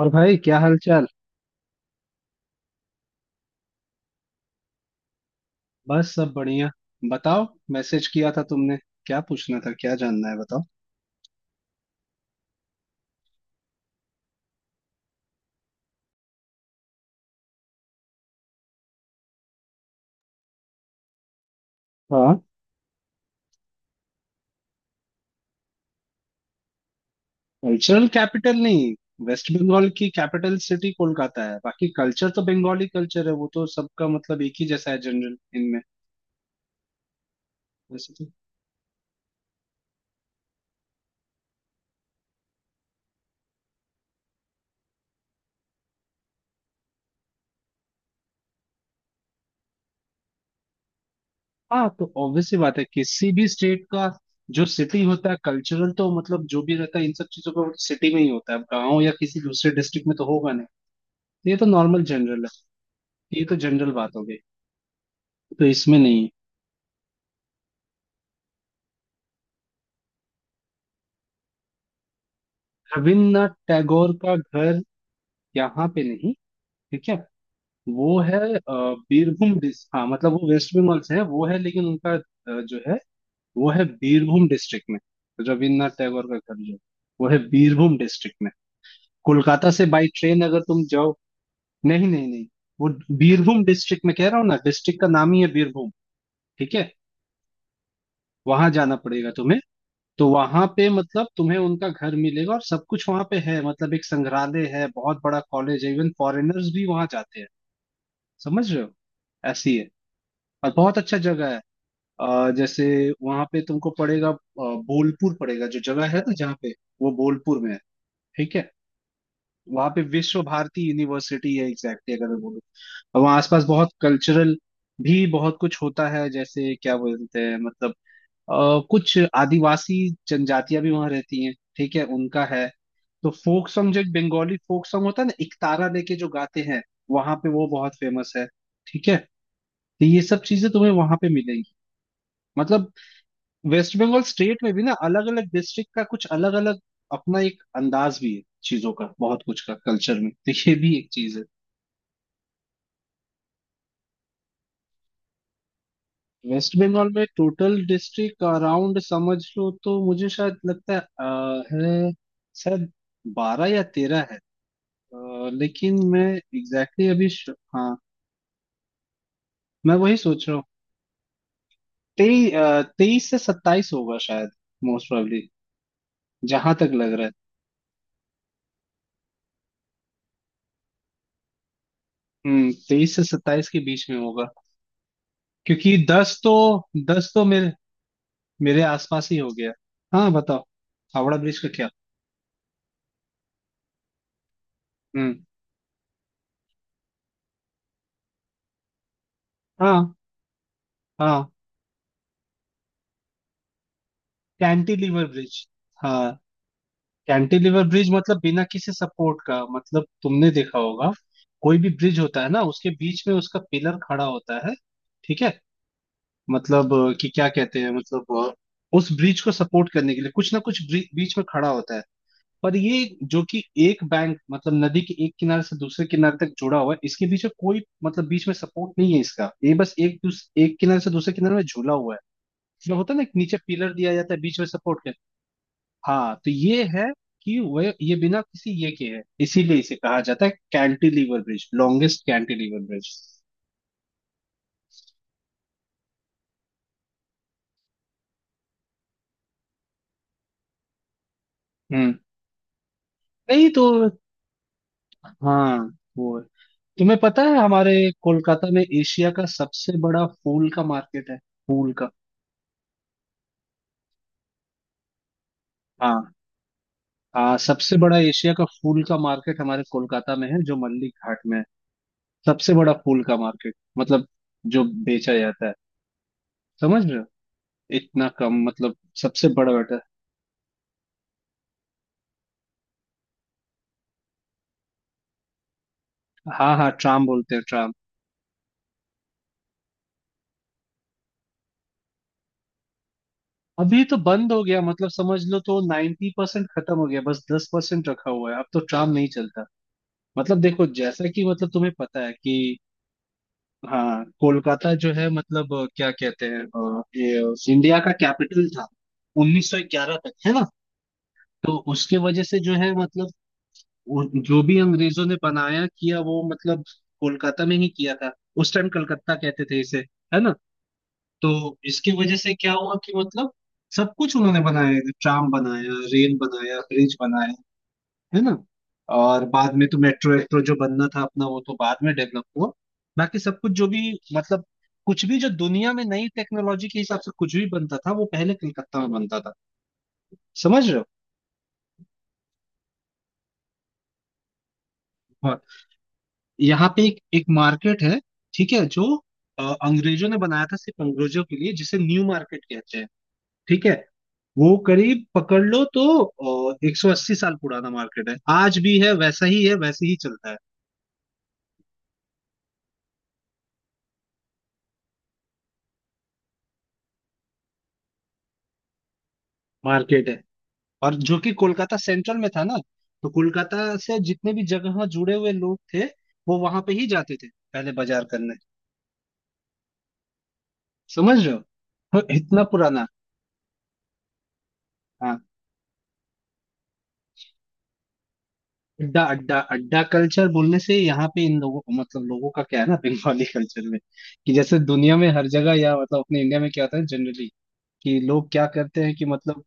और भाई, क्या हाल चाल। बस सब बढ़िया। बताओ, मैसेज किया था तुमने? क्या पूछना था, क्या जानना है, बताओ। हाँ, कल्चरल कैपिटल नहीं। वेस्ट बंगाल की कैपिटल सिटी कोलकाता है, बाकी कल्चर तो बंगाली कल्चर है, वो तो सबका मतलब एक ही जैसा है जनरल इनमें। वैसे तो, हाँ तो ऑब्वियस सी बात है किसी भी स्टेट का। जो सिटी होता है कल्चरल तो मतलब जो भी रहता है इन सब चीजों का सिटी में ही होता है। अब गाँव या किसी दूसरे डिस्ट्रिक्ट में तो होगा नहीं। तो ये तो नॉर्मल जनरल है। ये तो जनरल बात हो गई। तो इसमें नहीं है। रविन्द्रनाथ टैगोर का घर यहाँ पे नहीं, ठीक है। वो है बीरभूम डिस, हाँ, मतलब वो वेस्ट बंगाल से है, वो है, लेकिन उनका जो है, वो है बीरभूम डिस्ट्रिक्ट में। रविन्द्रनाथ टैगोर का घर जो है, वो है बीरभूम डिस्ट्रिक्ट में। कोलकाता से बाई ट्रेन अगर तुम जाओ। नहीं, नहीं, नहीं, वो बीरभूम डिस्ट्रिक्ट में कह रहा हूँ ना, डिस्ट्रिक्ट का नाम ही है बीरभूम, ठीक है। वहां जाना पड़ेगा तुम्हें। तो वहां पे मतलब तुम्हें उनका घर मिलेगा और सब कुछ वहां पे है, मतलब एक संग्रहालय है, बहुत बड़ा कॉलेज है, इवन फॉरेनर्स भी वहां जाते हैं, समझ रहे हो। ऐसी है। और बहुत अच्छा जगह है। जैसे वहां पे तुमको पड़ेगा बोलपुर पड़ेगा, जो जगह है ना, जहाँ पे वो बोलपुर में है। ठीक है। वहां पे विश्व भारती यूनिवर्सिटी है एग्जैक्टली अगर मैं बोलूँ। और वहाँ आसपास बहुत कल्चरल भी बहुत कुछ होता है, जैसे क्या बोलते हैं मतलब कुछ आदिवासी जनजातियां भी वहां रहती हैं, ठीक है, उनका है। तो फोक सॉन्ग, जो एक बंगाली फोक सॉन्ग होता है ना, इकतारा लेके जो गाते हैं, वहां पे वो बहुत फेमस है। ठीक है। तो ये सब चीजें तुम्हें वहां पे मिलेंगी। मतलब वेस्ट बंगाल स्टेट में भी ना अलग अलग डिस्ट्रिक्ट का कुछ अलग अलग अपना एक अंदाज भी है चीजों का, बहुत कुछ का कल्चर में, तो ये भी एक चीज है। वेस्ट बंगाल में टोटल डिस्ट्रिक्ट, अराउंड समझ लो, तो मुझे शायद लगता है, है शायद 12 या 13 है। लेकिन मैं एग्जैक्टली exactly अभी हाँ, मैं वही सोच रहा हूँ। तेई तेईस से 27 होगा शायद, मोस्ट प्रोबेबली, जहां तक लग रहा है। हम्म, 23 से सत्ताईस के बीच में होगा। क्योंकि दस तो मेरे मेरे आसपास ही हो गया। हाँ, बताओ, हावड़ा ब्रिज का क्या। हम्म। हाँ, हाँ, कैंटिलीवर ब्रिज। हाँ, कैंटिलीवर ब्रिज मतलब बिना किसी सपोर्ट का, मतलब तुमने देखा होगा। कोई भी ब्रिज होता है ना, उसके बीच में उसका पिलर खड़ा होता है, ठीक है। मतलब कि क्या कहते हैं, मतलब उस ब्रिज को सपोर्ट करने के लिए कुछ ना कुछ बीच में खड़ा होता है। पर ये, जो कि एक बैंक, मतलब नदी के एक किनारे से दूसरे किनारे तक जुड़ा हुआ है, इसके बीच में कोई मतलब बीच में सपोर्ट नहीं है इसका, ये बस एक एक किनारे से दूसरे किनारे में झूला हुआ है। जो होता है ना कि नीचे पिलर दिया जाता है बीच में सपोर्ट के। हाँ, तो ये है कि वह ये बिना किसी ये के है, इसीलिए इसे कहा जाता है cantilever bridge, longest cantilever bridge. हम्म। नहीं तो, हाँ, वो है। तुम्हें पता है, हमारे कोलकाता में एशिया का सबसे बड़ा फूल का मार्केट है। फूल का। हाँ, हाँ, सबसे बड़ा एशिया का फूल का मार्केट हमारे कोलकाता में है, जो मल्लिक घाट में है। सबसे बड़ा फूल का मार्केट, मतलब जो बेचा जाता है, समझ रहे हो। इतना कम मतलब, सबसे बड़ा बेटा। हाँ, हाँ, ट्राम बोलते हैं, ट्राम। अभी तो बंद हो गया, मतलब समझ लो, तो 90% खत्म हो गया, बस 10% रखा हुआ है, अब तो ट्राम नहीं चलता। मतलब देखो, जैसा कि मतलब तुम्हें पता है कि, हाँ, कोलकाता जो है मतलब क्या कहते हैं ये इंडिया का कैपिटल था 1911 तक, है ना। तो उसके वजह से जो है मतलब जो भी अंग्रेजों ने बनाया किया, वो मतलब कोलकाता में ही किया था। उस टाइम कलकत्ता कहते थे इसे, है ना। तो इसकी वजह से क्या हुआ कि मतलब सब कुछ उन्होंने बनाया, ट्राम बनाया, रेल बनाया, ब्रिज बनाया, है ना। और बाद में तो मेट्रो वेट्रो जो बनना था अपना, वो तो बाद में डेवलप हुआ। बाकी सब कुछ जो भी मतलब, कुछ भी जो दुनिया में नई टेक्नोलॉजी के हिसाब से कुछ भी बनता था, वो पहले कलकत्ता में बनता था, समझ रहे हो। और यहाँ पे एक एक मार्केट है, ठीक है, जो अंग्रेजों ने बनाया था सिर्फ अंग्रेजों के लिए, जिसे न्यू मार्केट कहते हैं, ठीक है। वो करीब पकड़ लो तो 180 साल पुराना मार्केट है, आज भी है, वैसा ही है, वैसे ही चलता है। मार्केट है, और जो कि कोलकाता सेंट्रल में था ना, तो कोलकाता से जितने भी जगह जुड़े हुए लोग थे, वो वहां पे ही जाते थे पहले, बाजार करने, समझ रहे हो इतना पुराना। हाँ, अड्डा अड्डा अड्डा कल्चर बोलने से यहाँ पे इन लोगों मतलब लोगों का क्या है ना, बंगाली कल्चर में कि जैसे दुनिया में हर जगह या मतलब अपने इंडिया में क्या होता है जनरली, कि लोग क्या करते हैं कि मतलब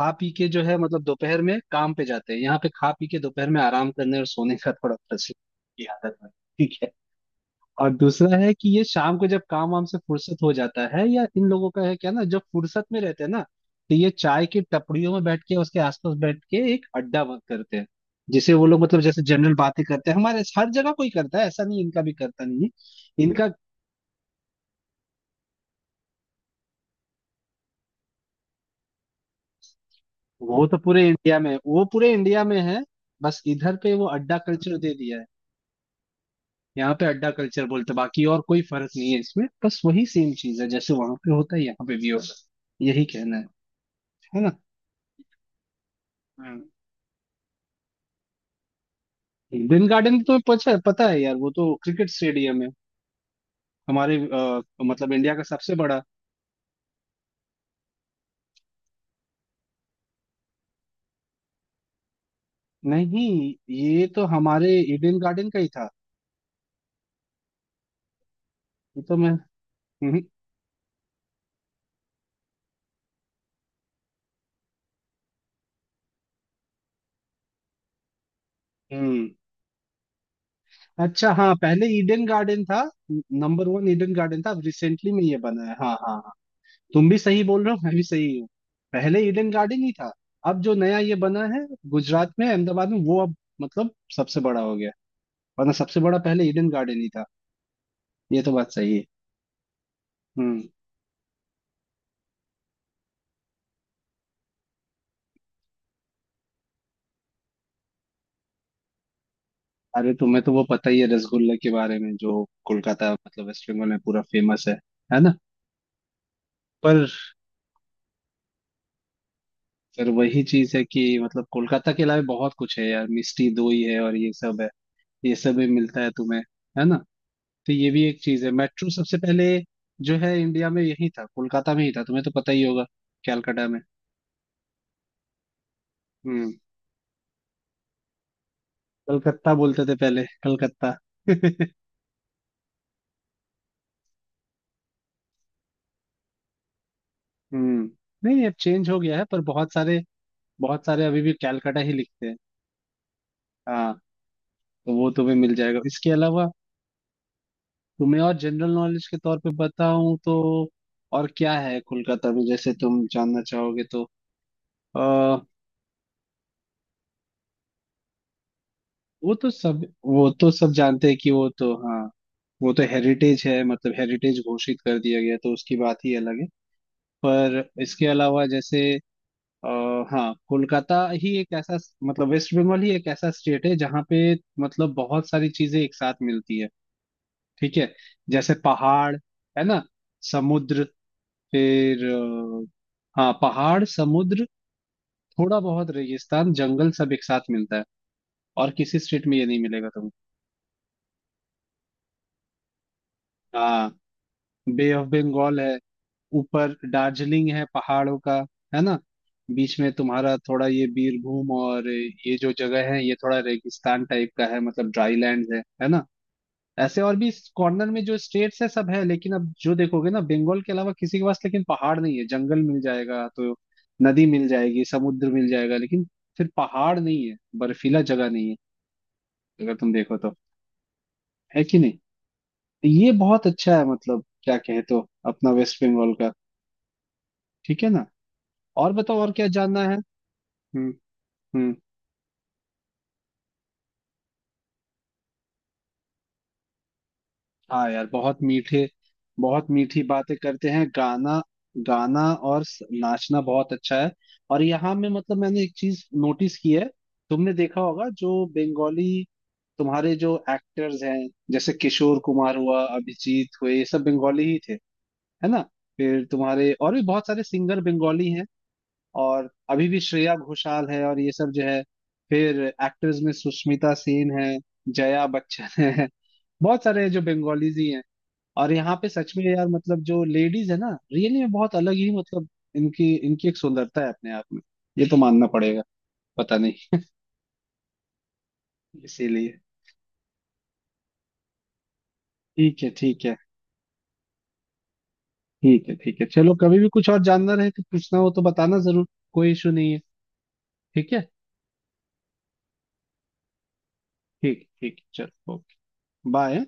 खा पी के जो है मतलब दोपहर में काम पे जाते हैं, यहाँ पे खा पी के दोपहर में आराम करने और सोने का थोड़ा प्रचलित की आदत है, ठीक है। और दूसरा है कि ये शाम को जब काम वाम से फुर्सत हो जाता है या इन लोगों का है क्या ना, जब फुर्सत में रहते हैं ना, तो ये चाय की टपड़ियों में बैठ के, उसके आसपास बैठ के, एक अड्डा बंद करते हैं, जिसे वो लोग मतलब जैसे जनरल बातें करते हैं हमारे हर जगह कोई करता है ऐसा नहीं, इनका भी करता नहीं है इनका। वो तो पूरे इंडिया में है, वो पूरे इंडिया में है। बस इधर पे वो अड्डा कल्चर दे दिया है, यहाँ पे अड्डा कल्चर बोलते हैं, बाकी और कोई फर्क नहीं है इसमें, बस वही सेम चीज है जैसे वहां पे होता है यहाँ पे भी होता है, यही कहना है। है ना। ईडन गार्डन तो पता पता है यार, वो तो क्रिकेट स्टेडियम है, हमारे मतलब इंडिया का सबसे बड़ा। नहीं, ये तो हमारे ईडन गार्डन का ही था। ये तो मैं, हम्म। हम्म। अच्छा, हाँ, पहले ईडन गार्डन था, नंबर वन ईडन गार्डन था। अब रिसेंटली में ये बना है। हाँ, हाँ, हाँ। तुम भी सही बोल रहे हो, मैं भी सही हूँ। पहले ईडन गार्डन ही था। अब जो नया ये बना है गुजरात में, अहमदाबाद में, वो अब मतलब सबसे बड़ा हो गया। वरना सबसे बड़ा पहले ईडन गार्डन ही था, ये तो बात सही है। हम्म। अरे, तुम्हें तो वो पता ही है रसगुल्ले के बारे में, जो कोलकाता मतलब वेस्ट बंगाल में पूरा फेमस है ना। पर फिर वही चीज है कि मतलब कोलकाता के अलावा बहुत कुछ है यार, मिष्टी दोई है और ये सब है, ये सब भी मिलता है तुम्हें, है ना। तो ये भी एक चीज है। मेट्रो सबसे पहले जो है इंडिया में यही था, कोलकाता में ही था, तुम्हें तो पता ही होगा, कैलकाटा में। हम्म। कलकत्ता बोलते थे पहले, कलकत्ता हम्म। नहीं, अब चेंज हो गया है पर बहुत सारे अभी भी कैलकाटा ही लिखते हैं। हाँ, तो वो तुम्हें मिल जाएगा। इसके अलावा तुम्हें और जनरल नॉलेज के तौर पे बताऊं तो और क्या है कोलकाता में जैसे तुम जानना चाहोगे तो, आ, वो तो सब, जानते हैं कि, वो तो, हाँ, वो तो हेरिटेज है, मतलब हेरिटेज घोषित कर दिया गया, तो उसकी बात ही अलग है। पर इसके अलावा जैसे आ, हाँ, कोलकाता ही एक ऐसा, मतलब वेस्ट बंगाल ही एक ऐसा स्टेट है जहाँ पे मतलब बहुत सारी चीजें एक साथ मिलती है, ठीक है। जैसे पहाड़, है ना, समुद्र, फिर हाँ, पहाड़, समुद्र, थोड़ा बहुत रेगिस्तान, जंगल, सब एक साथ मिलता है, और किसी स्टेट में ये नहीं मिलेगा तुम्हें। हाँ, बे ऑफ बंगाल है, ऊपर दार्जिलिंग है पहाड़ों का, है ना। बीच में तुम्हारा थोड़ा ये बीरभूम और ये जो जगह है, ये थोड़ा रेगिस्तान टाइप का है, मतलब ड्राई लैंड है ना। ऐसे और भी कॉर्नर में जो स्टेट्स है सब है, लेकिन अब जो देखोगे ना, बंगाल के अलावा किसी के पास लेकिन पहाड़ नहीं है, जंगल मिल जाएगा तो नदी मिल जाएगी, समुद्र मिल जाएगा लेकिन फिर पहाड़ नहीं है, बर्फीला जगह नहीं है, अगर तुम देखो तो, है कि नहीं। तो ये बहुत अच्छा है, मतलब क्या कहे तो अपना वेस्ट बंगाल का, ठीक है ना। और बताओ, और क्या जानना है। हम्म। हम्म। हाँ यार, बहुत मीठे, बहुत मीठी बातें करते हैं। गाना, गाना और नाचना बहुत अच्छा है। और यहाँ में मतलब मैंने एक चीज नोटिस की है, तुमने देखा होगा, जो बंगाली, तुम्हारे जो एक्टर्स हैं जैसे किशोर कुमार हुआ, अभिजीत हुए, ये सब बंगाली ही थे, है ना। फिर तुम्हारे और भी बहुत सारे सिंगर बंगाली हैं। और अभी भी श्रेया घोषाल है और ये सब जो है। फिर एक्टर्स में सुष्मिता सेन है, जया बच्चन है, बहुत सारे जो बंगालीज ही हैं। और यहाँ पे सच में यार, मतलब जो लेडीज है ना, रियली में बहुत अलग ही, मतलब इनकी इनकी एक सुंदरता है अपने आप में, ये तो मानना पड़ेगा, पता नहीं, इसीलिए। ठीक है, ठीक है। ठीक है, ठीक है, चलो, कभी भी कुछ और जानना रहे तो पूछना हो तो बताना जरूर, कोई इशू नहीं है, ठीक है। ठीक, ठीक, चलो, ओके, बाय।